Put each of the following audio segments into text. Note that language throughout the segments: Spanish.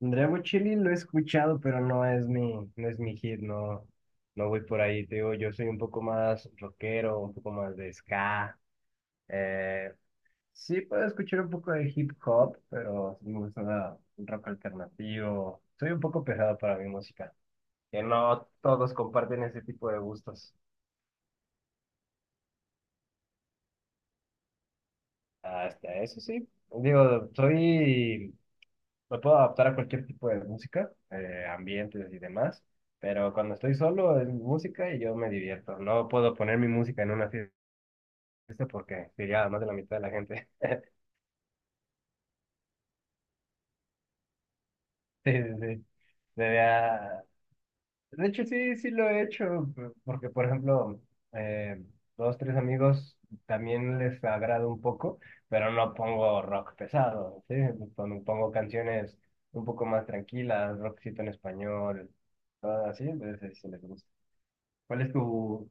Dragon Chili lo he escuchado, pero no es mi hit, no, no voy por ahí, te digo, yo soy un poco más rockero, un poco más de ska. eh, sí puedo escuchar un poco de hip hop, pero sí me gusta un rock alternativo. Soy un poco pesado para mi música, que no todos comparten ese tipo de gustos. Hasta eso sí. Digo, soy Me puedo adaptar a cualquier tipo de música, ambientes y demás, pero cuando estoy solo es mi música y yo me divierto. No puedo poner mi música en una fiesta porque sería más de la mitad de la gente. Sí, sí, sí. Sería- De hecho, sí, sí lo he hecho, porque, por ejemplo, eh, dos, tres amigos también les agrada un poco, pero no pongo rock pesado, ¿sí? Pongo canciones un poco más tranquilas, rockcito en español, todo así, entonces sí les gusta. ¿Cuál es tu...?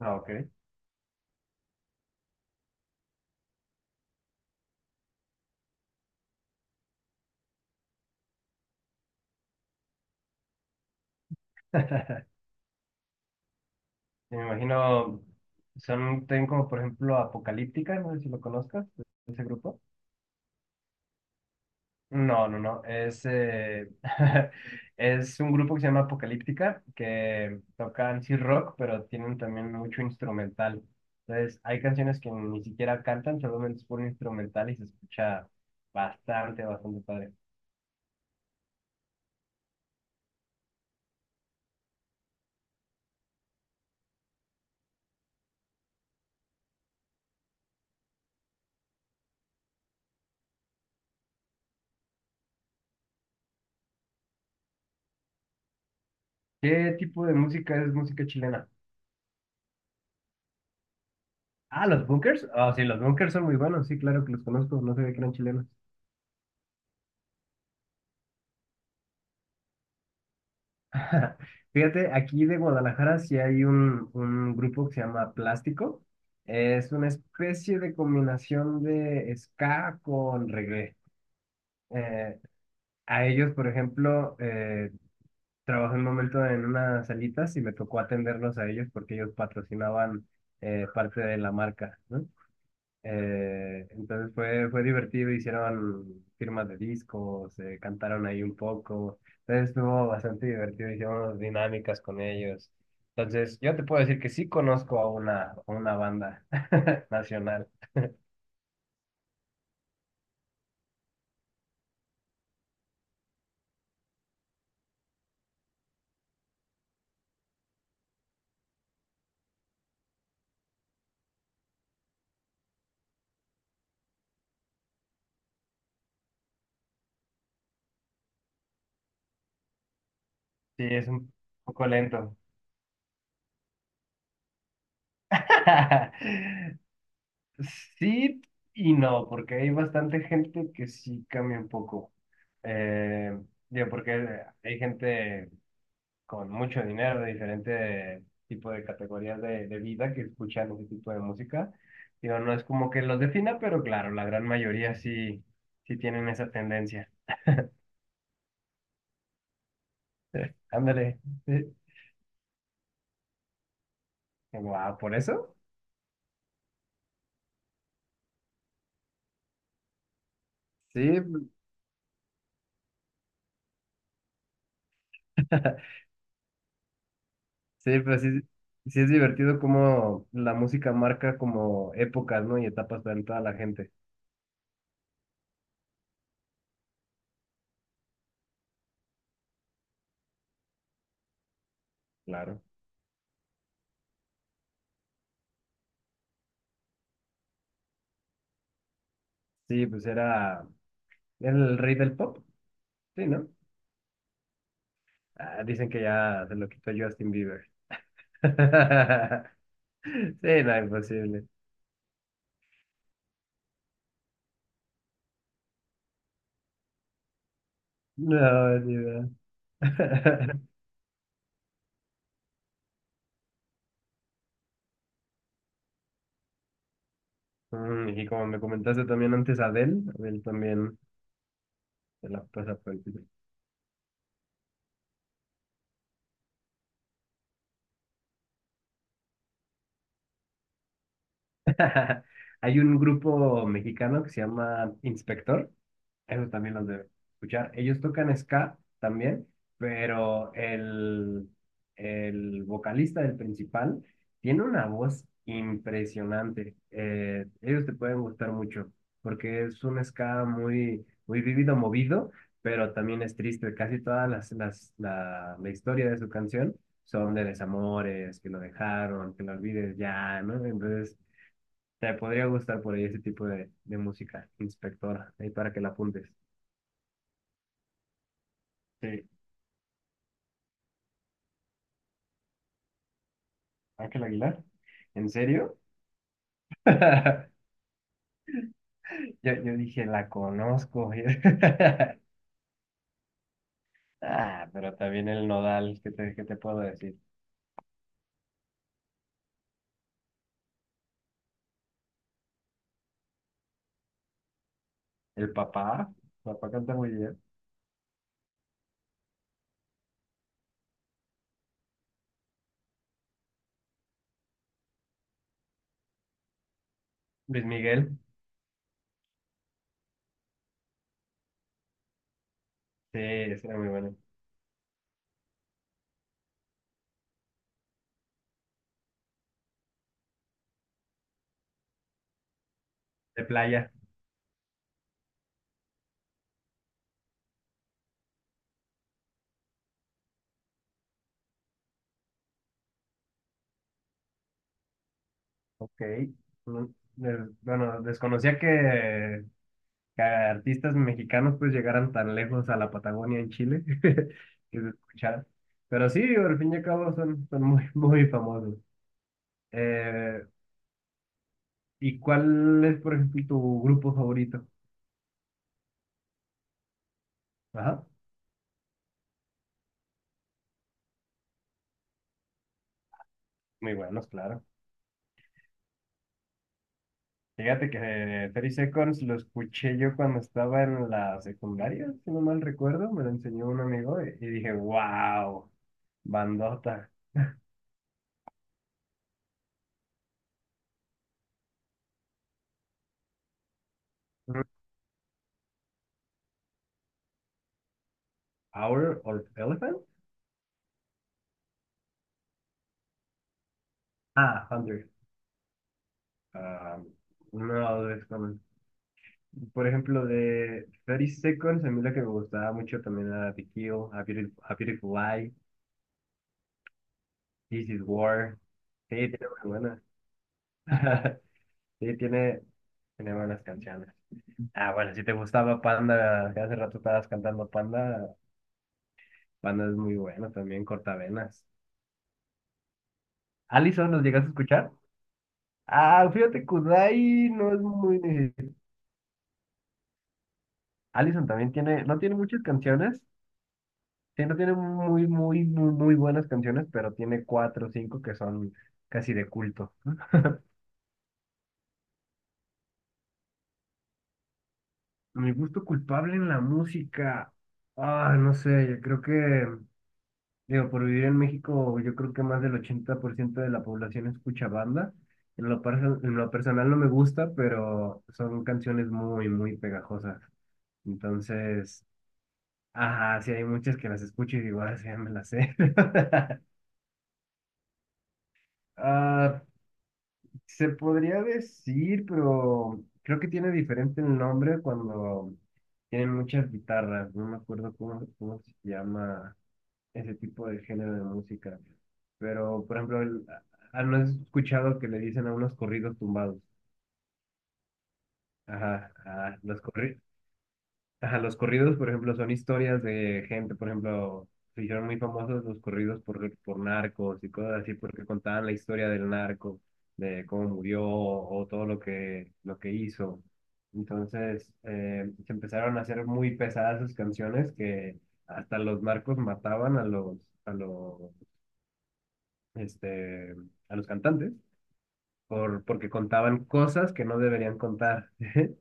Ah, ok. Me imagino, son, tienen como por ejemplo Apocalíptica, no sé si lo conozcas, ese grupo. No, no, no, es, es un grupo que se llama Apocalíptica, que tocan sí rock, pero tienen también mucho instrumental. Entonces, hay canciones que ni siquiera cantan, solamente es puro instrumental y se escucha bastante, bastante padre. ¿Qué tipo de música es música chilena? Ah, los bunkers. Ah, sí, los bunkers son muy buenos. Sí, claro que los conozco. No sabía que eran chilenos. Fíjate, aquí de Guadalajara sí hay un grupo que se llama Plástico. Es una especie de combinación de ska con reggae. Eh, a ellos, por ejemplo, trabajé un momento en unas salitas y me tocó atenderlos a ellos porque ellos patrocinaban parte de la marca, ¿no? Entonces fue divertido, hicieron firmas de discos, cantaron ahí un poco. Entonces estuvo bastante divertido, hicimos dinámicas con ellos. Entonces yo te puedo decir que sí conozco a una banda nacional. Sí, es un poco lento. Sí y no, porque hay bastante gente que sí cambia un poco. Eh, Digo, porque hay gente con mucho dinero de diferentes tipos de categorías de vida que escuchan ese tipo de música. Digo, no es como que los defina, pero claro, la gran mayoría sí, sí tienen esa tendencia. Sí, ándale. Sí, wow, ¿por eso? Sí, sí, pero sí, sí es divertido cómo la música marca como épocas, ¿no? Y etapas para toda la gente. Claro. Sí, era el rey del pop, sí, ¿no? Ah, dicen que ya se lo quitó Justin Bieber. Sí, no, imposible. No, es verdad. Mm, y como me comentaste también antes, Adele, Adele también se la pasa por el piso. Hay un grupo mexicano que se llama Inspector, eso también los debe escuchar. Ellos tocan ska también, pero el vocalista del principal tiene una voz impresionante. Ellos te pueden gustar mucho, porque es un ska muy, muy vívido, movido, pero también es triste. Casi todas la historia de su canción son de desamores, que lo dejaron, que lo olvides ya, ¿no? Entonces te podría gustar por ahí ese tipo de música, inspector ahí para que la apuntes. Sí, Ángel Aguilar. ¿En serio? Yo dije, la conozco. Ah, pero también el Nodal, ¿qué te puedo decir? El papá, Papá canta muy bien. Luis Miguel, sí, ese era muy bueno. De playa, ok. Mm, bueno, desconocía que artistas mexicanos pues llegaran tan lejos a la Patagonia en Chile que se escuchara. Pero sí, digo, al fin y al cabo son, son muy, muy famosos. Eh, ¿Y cuál es, por ejemplo, tu grupo favorito? Ajá, muy buenos, claro. Fíjate que 30 Seconds lo escuché yo cuando estaba en la secundaria, si no mal recuerdo, me lo enseñó un amigo y dije, wow, bandota. ¿Power of Elephant? Ah, one hundred. Ah, no, desconozco. Por ejemplo, de thirty Seconds, a mí la que me gustaba mucho también era The Kill, A Beautiful Lie, This Is War. Sí, tiene muy buenas. Sí, tiene, tiene buenas canciones. Ah, bueno, si te gustaba Panda, que hace rato estabas cantando Panda, Panda es muy bueno también, Cortavenas. Allison, ¿los llegas a escuchar? Ah, fíjate, Kudai no es muy... Allison también tiene, no tiene muchas canciones. Sí, no tiene muy, muy, muy, muy buenas canciones, pero tiene cuatro o cinco que son casi de culto. Mi gusto culpable en la música. Ah, no sé, yo creo que, digo, por vivir en México, yo creo que más del 80% de la población escucha banda. En lo personal no me gusta, pero son canciones muy, muy pegajosas. Entonces, ajá, sí hay muchas que las escucho y digo, ah, sí, ya me las sé. Ah, se podría decir, pero creo que tiene diferente el nombre cuando tienen muchas guitarras. No me acuerdo cómo se llama ese tipo de género de música. Pero, por ejemplo, ah, ¿no has escuchado que le dicen a unos corridos tumbados? Ajá, ah, ajá, los corridos, por ejemplo, son historias de gente, por ejemplo, se hicieron muy famosos los corridos por narcos y cosas así, porque contaban la historia del narco, de cómo murió o lo que hizo. Entonces, se empezaron a hacer muy pesadas sus canciones que hasta los narcos mataban a a los, este, a los cantantes porque contaban cosas que no deberían contar.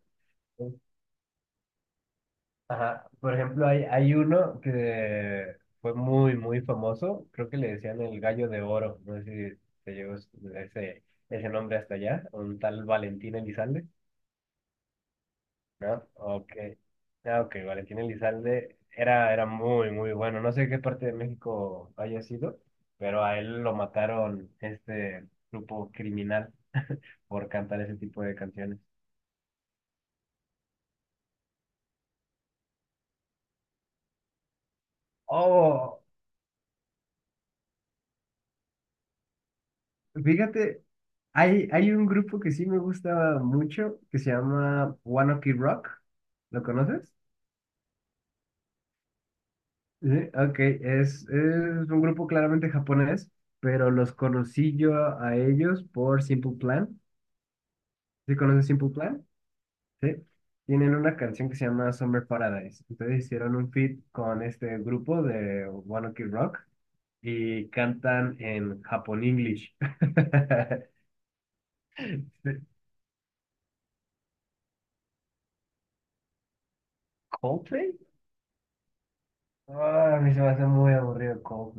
Ajá. Por ejemplo, hay uno que fue muy, muy famoso. Creo que le decían el gallo de oro. No sé si te llegó ese nombre hasta allá. Un tal Valentín Elizalde. ¿No? Ok. Ah, ok. Valentín Elizalde era, era muy, muy bueno. No sé qué parte de México haya sido, pero a él lo mataron este grupo criminal por cantar ese tipo de canciones. Oh, fíjate, hay un grupo que sí me gusta mucho que se llama One Ok Rock. ¿Lo conoces? Sí, ok, es un grupo claramente japonés, pero los conocí yo a ellos por Simple Plan. ¿Sí conoces Simple Plan? Sí. Tienen una canción que se llama Summer Paradise. Entonces hicieron un feat con este grupo de One Ok Rock y cantan en Japón English. ¿Coldplay? Ah, a mí se me hace muy aburrido, como